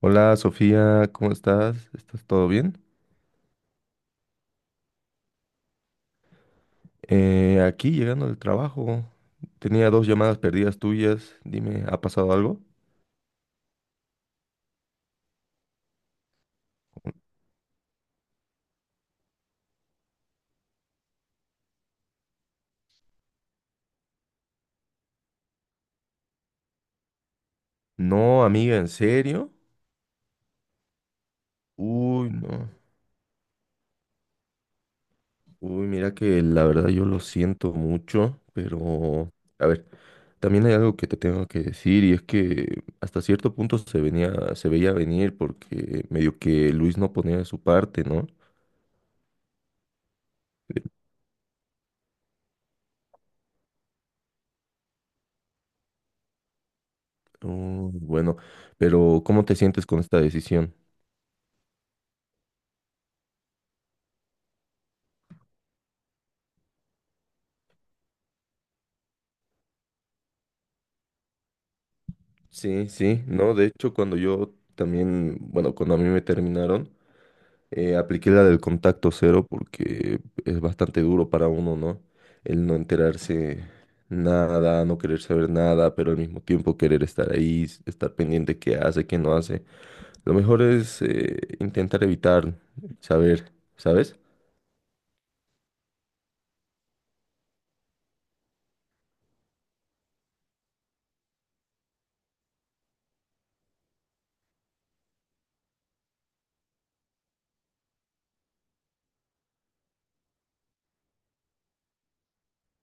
Hola Sofía, ¿cómo estás? ¿Estás todo bien? Aquí llegando del trabajo, tenía dos llamadas perdidas tuyas. Dime, ¿ha pasado algo? No, amiga, ¿en serio? Uy, no. Uy, mira que la verdad yo lo siento mucho, pero a ver, también hay algo que te tengo que decir y es que hasta cierto punto se veía venir porque medio que Luis no ponía de su parte, ¿no? Uy, bueno, pero ¿cómo te sientes con esta decisión? Sí, sí, no, de hecho cuando yo también, bueno, cuando a mí me terminaron, apliqué la del contacto cero porque es bastante duro para uno, ¿no? El no enterarse nada, no querer saber nada, pero al mismo tiempo querer estar ahí, estar pendiente qué hace, qué no hace. Lo mejor es intentar evitar saber, ¿sabes?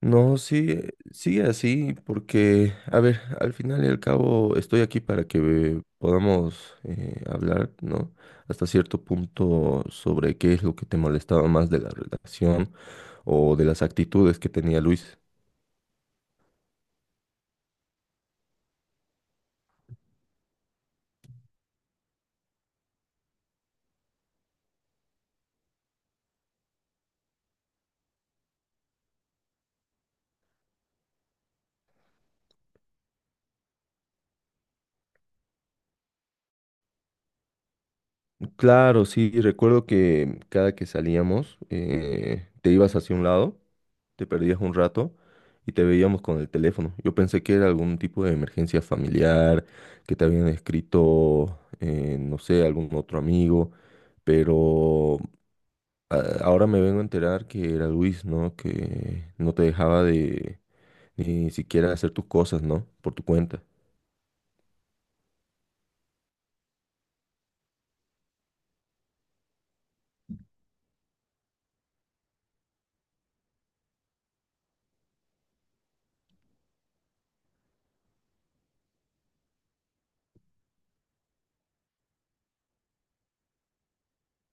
No, sí, sigue así, porque, a ver, al final y al cabo estoy aquí para que podamos hablar, ¿no? Hasta cierto punto sobre qué es lo que te molestaba más de la relación o de las actitudes que tenía Luis. Claro, sí, recuerdo que cada que salíamos te ibas hacia un lado, te perdías un rato y te veíamos con el teléfono. Yo pensé que era algún tipo de emergencia familiar, que te habían escrito, no sé, algún otro amigo, pero ahora me vengo a enterar que era Luis, ¿no? Que no te dejaba de ni siquiera hacer tus cosas, ¿no? Por tu cuenta.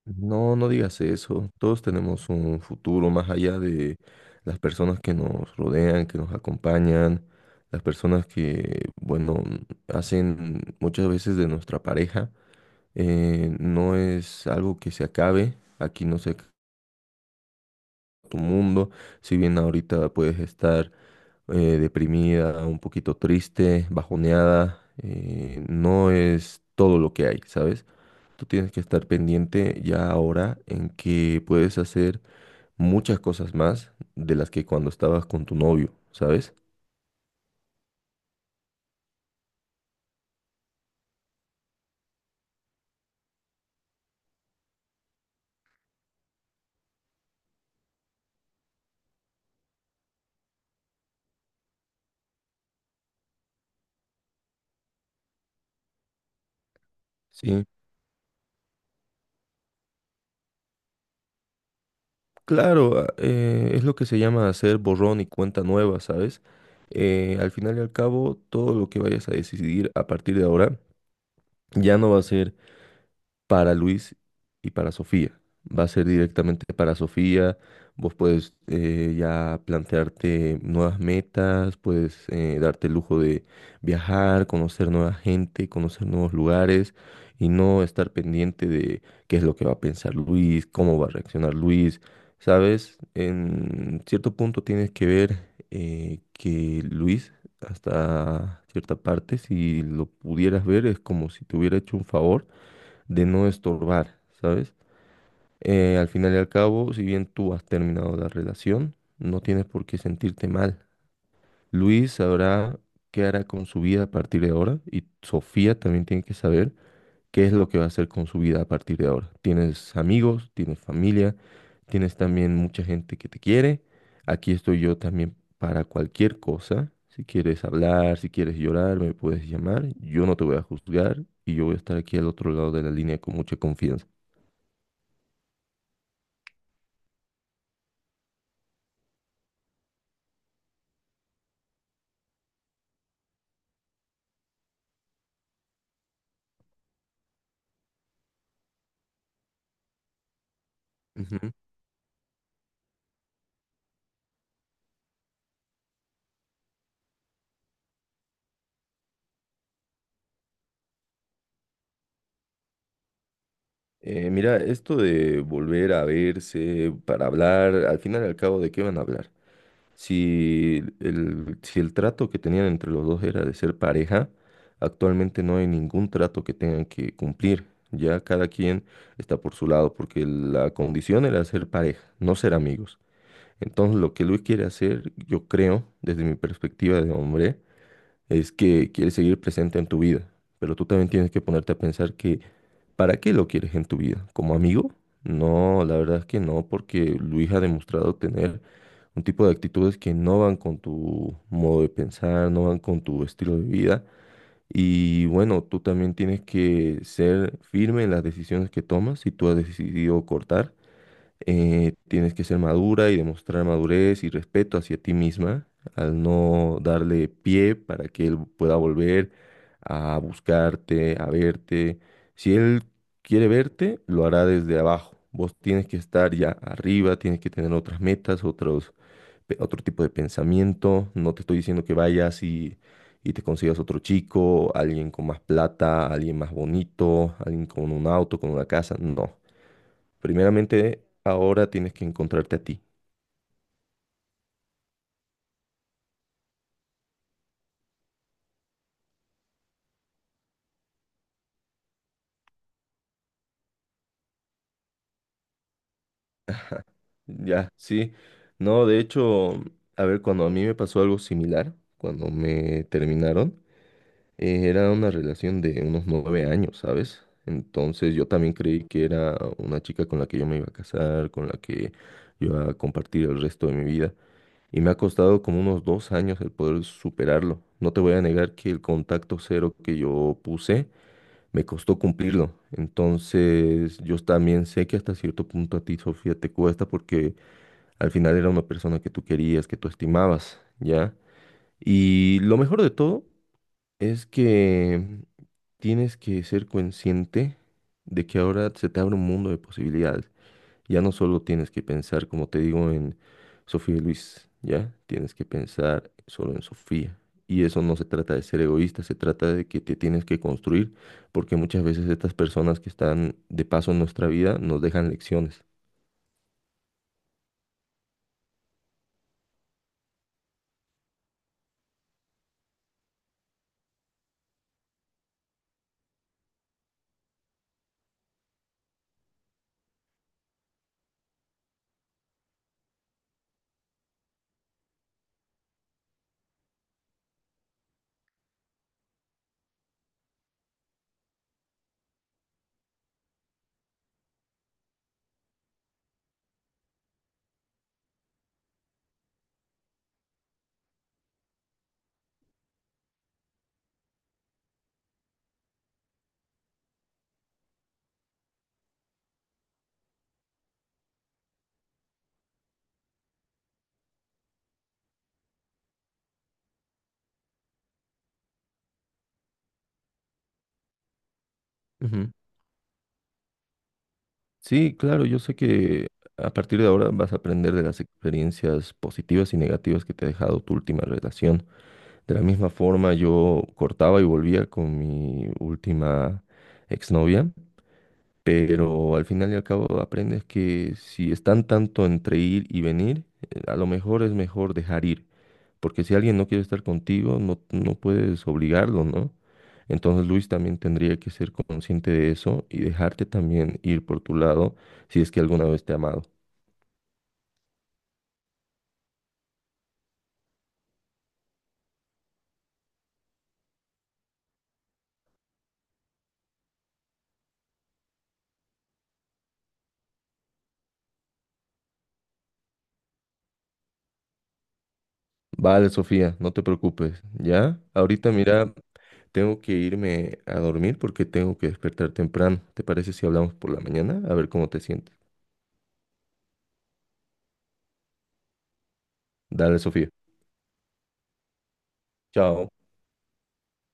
No, no digas eso. Todos tenemos un futuro más allá de las personas que nos rodean, que nos acompañan, las personas que, bueno, hacen muchas veces de nuestra pareja. No es algo que se acabe. Aquí no se acaba tu mundo. Si bien ahorita puedes estar eh, deprimida, un poquito triste, bajoneada, no es todo lo que hay, ¿sabes? Tú tienes que estar pendiente ya ahora en que puedes hacer muchas cosas más de las que cuando estabas con tu novio, ¿sabes? Sí, claro, es lo que se llama hacer borrón y cuenta nueva, ¿sabes? Al final y al cabo, todo lo que vayas a decidir a partir de ahora ya no va a ser para Luis y para Sofía. Va a ser directamente para Sofía. Vos puedes ya plantearte nuevas metas, puedes darte el lujo de viajar, conocer nueva gente, conocer nuevos lugares y no estar pendiente de qué es lo que va a pensar Luis, cómo va a reaccionar Luis. Sabes, en cierto punto tienes que ver que Luis, hasta cierta parte, si lo pudieras ver, es como si te hubiera hecho un favor de no estorbar, ¿sabes? Al final y al cabo, si bien tú has terminado la relación, no tienes por qué sentirte mal. Luis sabrá qué hará con su vida a partir de ahora y Sofía también tiene que saber qué es lo que va a hacer con su vida a partir de ahora. Tienes amigos, tienes familia, tienes también mucha gente que te quiere. Aquí estoy yo también para cualquier cosa. Si quieres hablar, si quieres llorar, me puedes llamar. Yo no te voy a juzgar y yo voy a estar aquí al otro lado de la línea con mucha confianza. Ujú. Mira, esto de volver a verse para hablar, al final y al cabo, ¿de qué van a hablar? Si el trato que tenían entre los dos era de ser pareja, actualmente no hay ningún trato que tengan que cumplir. Ya cada quien está por su lado, porque la condición era ser pareja, no ser amigos. Entonces, lo que Luis quiere hacer, yo creo, desde mi perspectiva de hombre, es que quiere seguir presente en tu vida. Pero tú también tienes que ponerte a pensar, ¿para qué lo quieres en tu vida? ¿Como amigo? No, la verdad es que no, porque Luis ha demostrado tener un tipo de actitudes que no van con tu modo de pensar, no van con tu estilo de vida. Y bueno, tú también tienes que ser firme en las decisiones que tomas. Si tú has decidido cortar, tienes que ser madura y demostrar madurez y respeto hacia ti misma al no darle pie para que él pueda volver a buscarte, a verte. Si él quiere verte, lo hará desde abajo. Vos tienes que estar ya arriba, tienes que tener otras metas, otro tipo de pensamiento. No te estoy diciendo que vayas y te consigas otro chico, alguien con más plata, alguien más bonito, alguien con un auto, con una casa. No. Primeramente, ahora tienes que encontrarte a ti. Ya, sí. No, de hecho, a ver, cuando a mí me pasó algo similar, cuando me terminaron, era una relación de unos 9 años, ¿sabes? Entonces yo también creí que era una chica con la que yo me iba a casar, con la que yo iba a compartir el resto de mi vida. Y me ha costado como unos 2 años el poder superarlo. No te voy a negar que el contacto cero que yo puse me costó cumplirlo. Entonces, yo también sé que hasta cierto punto a ti, Sofía, te cuesta porque al final era una persona que tú querías, que tú estimabas, ¿ya? Y lo mejor de todo es que tienes que ser consciente de que ahora se te abre un mundo de posibilidades. Ya no solo tienes que pensar, como te digo, en Sofía y Luis, ¿ya? Tienes que pensar solo en Sofía. Y eso no se trata de ser egoísta, se trata de que te tienes que construir, porque muchas veces estas personas que están de paso en nuestra vida nos dejan lecciones. Ujú. Sí, claro, yo sé que a partir de ahora vas a aprender de las experiencias positivas y negativas que te ha dejado tu última relación. De la misma forma, yo cortaba y volvía con mi última exnovia. Pero al final y al cabo aprendes que si están tanto entre ir y venir, a lo mejor es mejor dejar ir, porque si alguien no quiere estar contigo, no puedes obligarlo, ¿no? Entonces Luis también tendría que ser consciente de eso y dejarte también ir por tu lado si es que alguna vez te ha amado. Vale, Sofía, no te preocupes, ¿ya? Ahorita mira, tengo que irme a dormir porque tengo que despertar temprano. ¿Te parece si hablamos por la mañana? A ver cómo te sientes. Dale, Sofía. Chao.